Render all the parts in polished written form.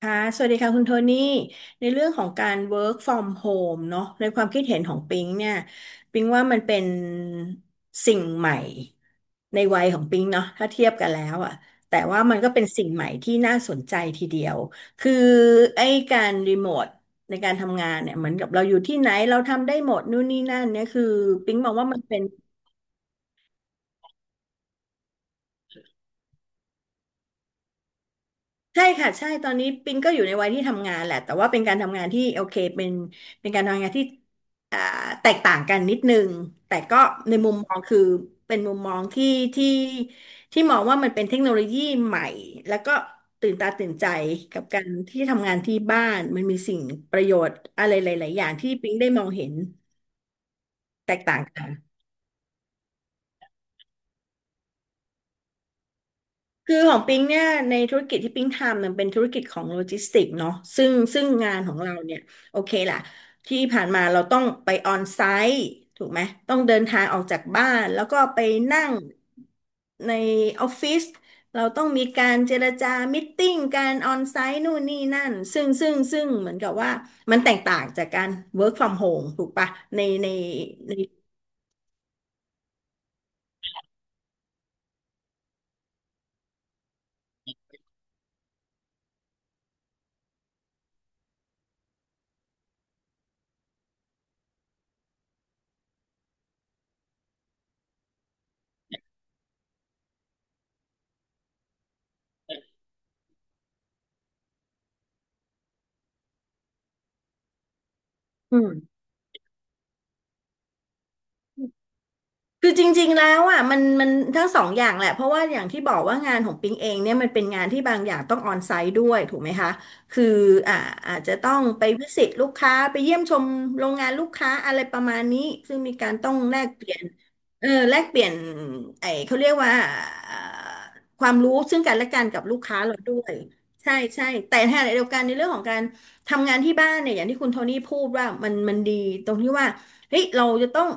ค่ะสวัสดีค่ะคุณโทนี่ในเรื่องของการ work from home เนอะในความคิดเห็นของปิงเนี่ยปิงว่ามันเป็นสิ่งใหม่ในวัยของปิงเนาะถ้าเทียบกันแล้วอะ แต่ว่ามันก็เป็นสิ่งใหม่ที่น่าสนใจทีเดียว คือไอ้การรีโมทในการทำงานเนี่ยเหมือนกับเราอยู่ที่ไหนเราทำได้หมดนู่นนี่นั่นเนี่ย คือปิงมองว่ามันเป็น ใช่ค่ะใช่ตอนนี้ปิงก็อยู่ในวัยที่ทำงานแหละแต่ว่าเป็นการทำงานที่โอเคเป็นการทำงานที่อ่าแตกต่างกันนิดนึงแต่ก็ในมุมมองคือเป็นมุมมองที่ที่มองว่ามันเป็นเทคโนโลยีใหม่แล้วก็ตื่นตาตื่นใจกับการที่ทำงานที่บ้านมันมีสิ่งประโยชน์อะไรหลายๆอย่างที่ปิงได้มองเห็นแตกต่างกัน คือของปิงเนี่ยในธุรกิจที่ปิงทำมันเป็นธุรกิจของโลจิสติกส์เนาะซึ่งงานของเราเนี่ยโอเคล่ะที่ผ่านมาเราต้องไปออนไซต์ถูกไหมต้องเดินทางออกจากบ้านแล้วก็ไปนั่งในออฟฟิศเราต้องมีการเจรจามิทติ้งการออนไซต์นู่นนี่นั่นซึ่งเหมือนกับว่ามันแตกต่างจากการ work from home ถูกปะในในอืม คือจริงๆแล้วอ่ะมันทั้งสองอย่างแหละเพราะว่าอย่างที่บอกว่างานของปิงเองเนี่ยมันเป็นงานที่บางอย่างต้องออนไซต์ด้วยถูกไหมคะคืออ่าอาจจะต้องไปวิสิตลูกค้าไปเยี่ยมชมโรงงานลูกค้าอะไรประมาณนี้ซึ่งมีการต้องแลกเปลี่ยนเออแลกเปลี่ยนไอ้เขาเรียกว่าเอ่อความรู้ซึ่งกันและกันกับลูกค้าเราด้วยใช่ใช่แต่ในขณะเดียวกันในเรื่องของการทำงานที่บ้านเนี่ยอย่างที่คุณโทนี่พูดว่ามันดีตรงที่ว่า เฮ้ยเราจะต้อง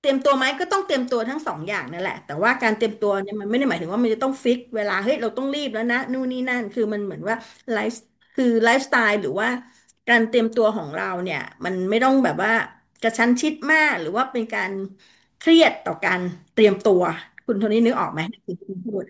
เตรียมตัวไหมก็ต้องเตรียมตัวทั้งสองอย่างนั่นแหละแต่ว่าการเตรียมตัวเนี่ยมันไม่ได้หมายถึงว่ามันจะต้องฟิกเวลาเฮ้ยเราต้องรีบแล้วนะนู่นนี่นั่นคือมันเหมือนว่าไลฟ์คือไลฟ์สไตล์หรือว่าการเตรียมตัวของเราเนี่ยมันไม่ต้องแบบว่ากระชั้นชิดมากหรือว่าเป็นการเครียดต่อการเตรียมตัวคุณโทนี่นึกออกไหมที่คุณพูด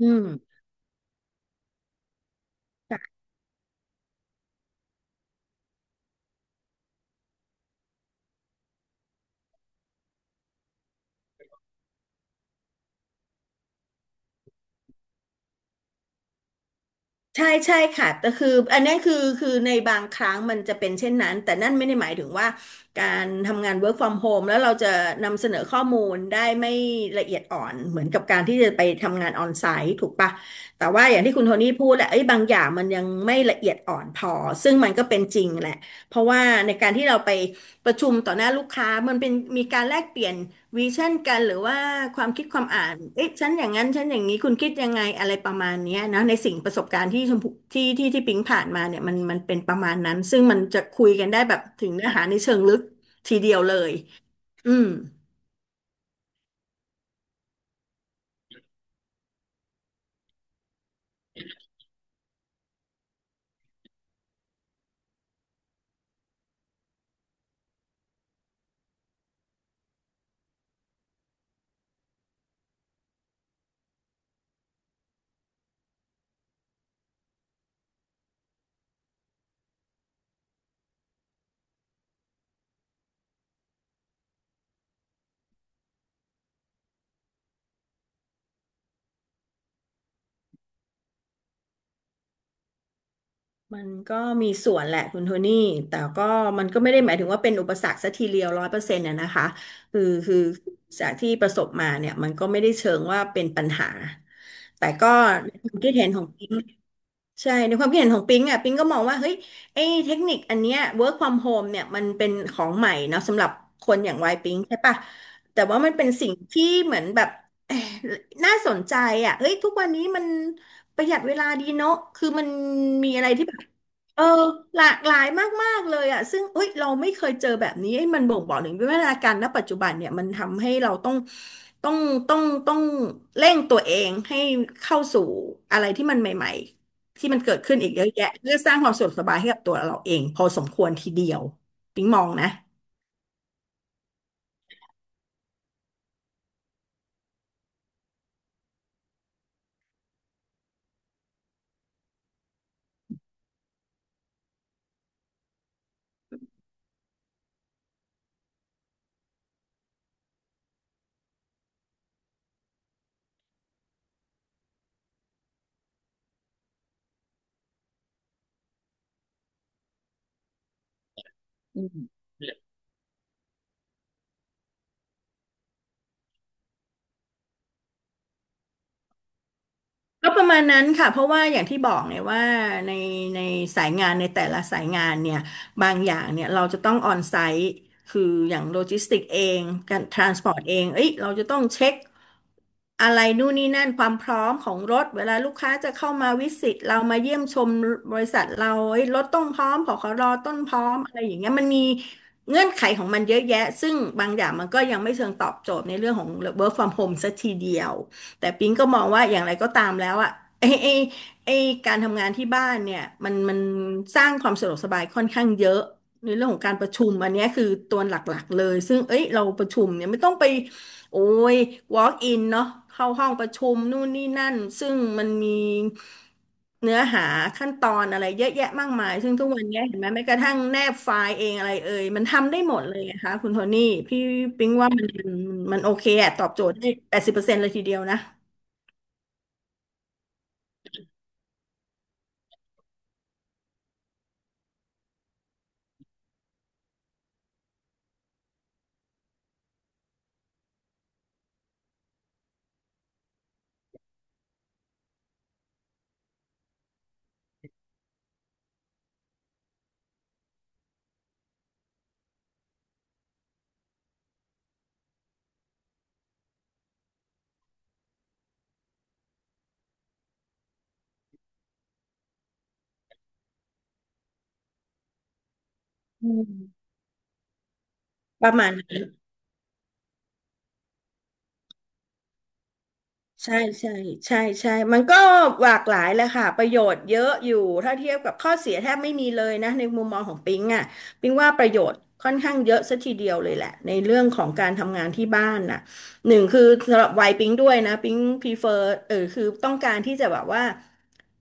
อืม ใช่ใช่ค่ะแต่คืออันนี้คือในบางครั้งมันจะเป็นเช่นนั้นแต่นั่นไม่ได้หมายถึงว่าการทำงาน work from home แล้วเราจะนำเสนอข้อมูลได้ไม่ละเอียดอ่อนเหมือนกับการที่จะไปทำงานออนไซต์ถูกปะแต่ว่าอย่างที่คุณโทนี่พูดแหละไอ้ยบางอย่างมันยังไม่ละเอียดอ่อนพอซึ่งมันก็เป็นจริงแหละเพราะว่าในการที่เราไป ประชุมต่อหน้าลูกค้ามันเป็นมีการแลกเปลี่ยนวิชั่นกันหรือว่าความคิดความอ่านเอ๊ะฉันอย่างนั้นฉันอย่างนี้คุณคิดยังไงอะไรประมาณเนี้ยนะในสิ่งประสบการณ์ที่ชมพูที่ปิ๊งผ่านมาเนี่ยมันมันเป็นประมาณนั้นซึ่งมันจะคุยกันได้แบบถึงเนื้อหาในเชิงลึกทีเดียวเลยอืม มันก็มีส่วนแหละคุณโทนี่แต่ก็มันก็ไม่ได้หมายถึงว่าเป็นอุปสรรคสักทีเดียวร้อยเปอร์เซ็นต์นะนะคะ คือคือจากที่ประสบมาเนี่ยมันก็ไม่ได้เชิงว่าเป็นปัญหา แต่ก็ในความคิดเห็นของปิ๊ง ใช่ในความคิดเห็นของปิงอ่ะปิงก็มองว่าเฮ้ยไอ้เทคนิคอันเนี้ย work from home เนี่ยมันเป็นของใหม่เนาะสำหรับคนอย่างวัยปิงใช่ปะแต่ว่ามันเป็นสิ่งที่เหมือนแบบเอยน่าสนใจอ่ะเฮ้ยทุกวันนี้มันประหยัดเวลาดีเนาะคือมันมีอะไรที่แบบเออหลากหลายมากๆเลยอ่ะซึ่งเอ้ยเราไม่เคยเจอแบบนี้เอ้ยมันบ่งบอกถึงวิวัฒนาการณปัจจุบันเนี่ยมันทำให้เราต้องต้องต้องต้องเร่งตัวเองให้เข้าสู่อะไรที่มันใหม่ ที่มันเกิดขึ้นอีกเยอะแยะเพื่อสร้างความสะดวกสบายให้กับตัวเราเองพอสมควรทีเดียวปิ๊งมองนะอืมก็ประมาณนั้นค่ะเพราะว่าอย่างที่บอกเนี่ยว่าในในสายงานในแต่ละสายงานเนี่ยบางอย่างเนี่ยเราจะต้องออนไซต์คืออย่างโลจิสติกเองการทรานสปอร์ตเองเอ้ยเราจะต้องเช็ค อะไรนู่นนี่นั่นความพร้อมของรถเวลาลูกค้าจะเข้ามาวิสิตเรามาเยี่ยมชมบริษัทเราเอ้ยรถต้องพร้อมผขรต้นพร้อมอะไรอย่างเงี้ยมันมีเงื่อนไขของมันเยอะแยะซึ่งบางอย่างมันก็ยังไม่เชิงตอบโจทย์ในเรื่องของ work from home สักทีเดียวแต่ปิ๊งก็มองว่าอย่างไรก็ตามแล้วอะไอ้ไอ้ไอ้การทำงานที่บ้านเนี่ยมันสร้างความสะดวกสบายค่อนข้างเยอะในเรื่องของการประชุมอันเนี้ยคือตัวหลักๆเลยซึ่งเอ้ยเราประชุมเนี่ยไม่ต้องไป โอ้ย walk in เนาะเข้าห้องประชุมนู่นนี่นั่น ซึ่งมันมีเนื้อหาขั้นตอนอะไรเยอะแยะมากมาย ซึ่งทุกวันเนี้ยเห็นไหมแม้กระทั่งแนบไฟล์เองอะไรเอ่ย มันทำได้หมดเลยนะคะคุณโทนี่พี่ปิ๊งว่ามันโอเคอะตอบโจทย์ได้แปดสิบเปอร์เซ็นต์เลยทีเดียวนะอืมประมาณ ใช่ใช่ใช่ใช่มันก็หลากหลายแหละค่ะประโยชน์เยอะอยู่ถ้าเทียบกับข้อเสียแทบไม่มีเลยนะในมุมมองของปิงอ่ะปิงว่าประโยชน์ค่อนข้างเยอะซะทีเดียวเลยแหละในเรื่องของการทำงานที่บ้านน่ะหนึ่งคือสำหรับวัยปิงด้วยนะปิงพรีเฟอร์เออคือต้องการที่จะแบบว่า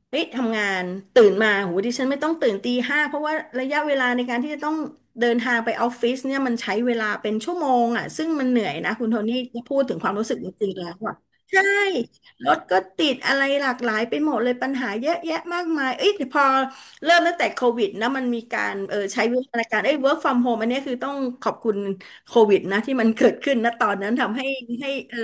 เฮ้ยทำงานตื่นมาโหดิฉันไม่ต้องตื่นตีห้าเพราะว่าระยะเวลาในการที่จะต้องเดินทางไปออฟฟิศเนี่ยมันใช้เวลาเป็นชั่วโมงอ่ะซึ่งมันเหนื่อยนะคุณโทนี่พูดถึงความรู้สึกจริงๆแล้วอะ ใช่รถก็ติดอะไรหลากหลายไปหมดเลยปัญหาเยอะแยะมากมายเอ้ยพอเริ่มตั้งแต่โควิดนะมันมีการเออใช้วิวัฒนาการเอ้ย work from home อันเนี้ยคือต้องขอบคุณโควิดนะที่มันเกิดขึ้นนะตอนนั้นทำให้เออ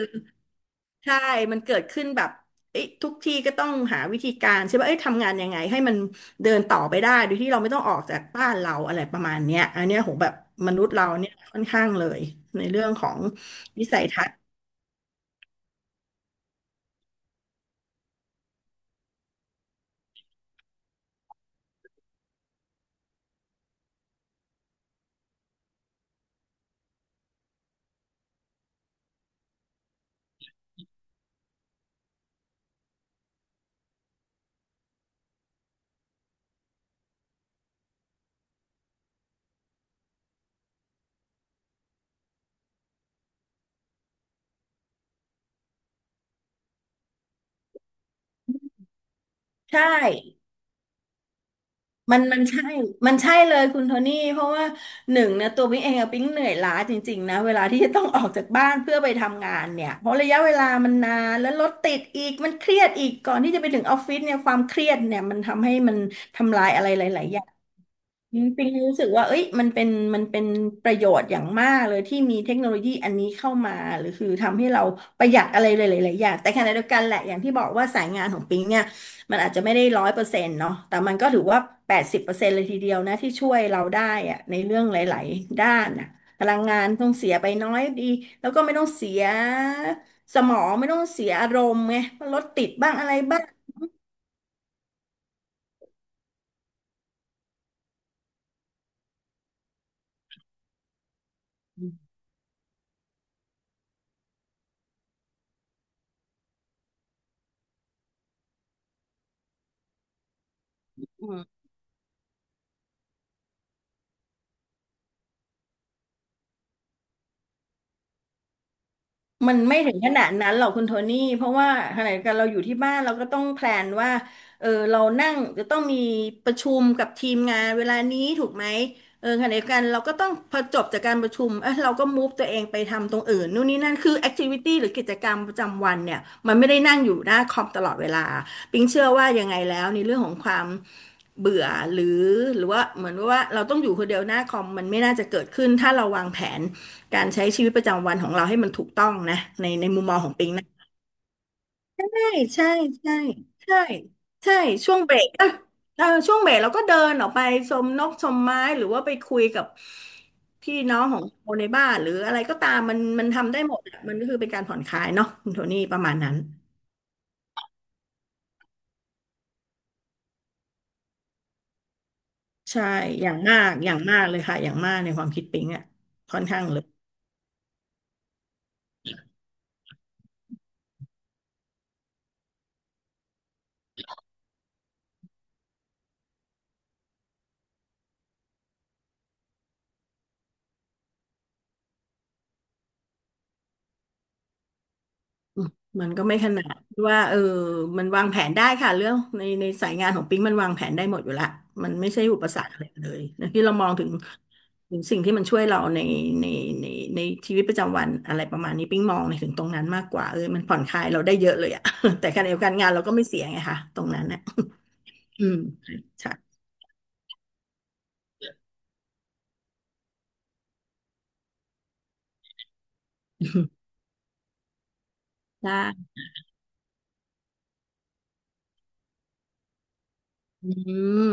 ใช่ มันเกิดขึ้นแบบเอ้ยทุกที่ก็ต้องหาวิธีการใช่ป่ะเอ้ยทำงานยังไงให้มันเดินต่อไปได้โดยที่เราไม่ต้องออกจากบ้านเราอะไรประมาณเนี้ยอันเนี้ยโหแบบมนุษย์เราเนี่ยค่อนข้างเลยในเรื่องของวิสัยทัศน์ใช่ มันใช่มันใช่เลยคุณโทนี่เพราะว่าหนึ่งนะตัวปิ๊งเองอะปิ๊งเหนื่อยล้าจริงๆนะเวลาที่จะต้องออกจากบ้านเพื่อไปทำงานเนี่ยเพราะระยะเวลามันนานแล้วรถติดอีกมันเครียดอีกก่อนที่จะไปถึงออฟฟิศเนี่ยความเครียดเนี่ยมันทำให้มันทำลายอะไรหลายๆอย่าง จริงๆรู้สึกว่าเอ้ยมันเป็นประโยชน์อย่างมากเลยที่มีเทคโนโลยีอันนี้เข้ามาหรือคือทำให้เราประหยัดอะไรหลายๆอย่างแต่ขณะเดียวกันแหละอย่างที่บอกว่าสายงานของปิงเนี่ยมันอาจจะไม่ได้100%เนาะแต่มันก็ถือว่าแปดสิบเปอร์เซ็นต์เลยทีเดียวนะที่ช่วยเราได้อะในเรื่องหลายๆด้านนะพลังงานต้องเสียไปน้อยดีแล้วก็ไม่ต้องเสียสมองไม่ต้องเสียอารมณ์ไงรถติดบ้างอะไรบ้าง มันไม่ถึงขนาดนั้นหรอกคุณโทนี่เพราะว่าขณะเดียวกันเราอยู่ที่บ้านเราก็ต้องแพลนว่าเออเรานั่งจะต้องมีประชุมกับทีมงานเวลานี้ถูกไหมเออขณะเดียวกันเราก็ต้องพอจบจากการประชุมเออเราก็มูฟตัวเองไปทำตรงอื่นนู่นนี่นั่นคือแอคทิวิตี้หรือกิจกรรมประจำวันเนี่ยมันไม่ได้นั่งอยู่หน้าคอมตลอดเวลาปิงเชื่อว่ายังไงแล้วในเรื่องของความเบื่อหรือหรือว่าเหมือนว่าเราต้องอยู่คนเดียวหน้าคอมมันไม่น่าจะเกิดขึ้นถ้าเราวางแผน การใช้ชีวิตประจำวันของเราให้มันถูกต้องนะในมุมมองของปิงนะใช่ใช่ใช่ใช่ใช่ช่วงเบรกเออช่วงเบรกเราก็เดินออกไปชมนกชมไม้หรือว่าไปคุยกับพี่น้องของคนในบ้านหรืออะไรก็ตามมันมันทำได้หมดอะมันก็คือเป็นการผ่อนคลายเนาะคุณโทนี่ประมาณนั้นใช่อย่างมากอย่างมากเลยค่ะอย่างมากในความคิดปิงอ่ะค่อนข้างเลย มันก็ไม่ขนาดที่ว่าเออมันวางแผนได้ค่ะเรื่องในสายงานของปิ๊งมันวางแผนได้หมดอยู่ละมันไม่ใช่อุปสรรคอะไรเลยนะที่เรามองถึงถึงสิ่งที่มันช่วยเราในในในชีวิตประจำวันอะไรประมาณนี้ปิ๊งมองในถึงตรงนั้นมากกว่าเออมันผ่อนคลายเราได้เยอะเลยอะ แต่การเดียวกันงานเราก็ไม่เสียไงค่ะตรงนั้นนะอืมใช่ไ้อืม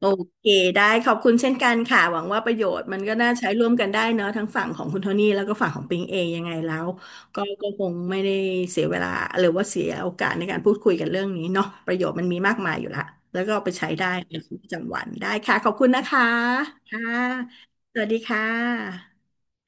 โอเคได้ขอบคุณเช่นกันค่ะหวังว่าประโยชน์มันก็น่าใช้ร่วมกันได้เนอะทั้งฝั่งของคุณโทนี่แล้วก็ฝั่งของปิงเองยังไงแล้วก็ก็คงไม่ได้เสียเวลาหรือว่าเสียโอกาสในการพูดคุยกันเรื่องนี้เนาะประโยชน์มันมีมากมายอยู่ละแล้วก็เอาไปใช้ได้ในชีวิตประจำวันได้ค่ะขอบคุณนะคะค่ะสวัสดีค่ะ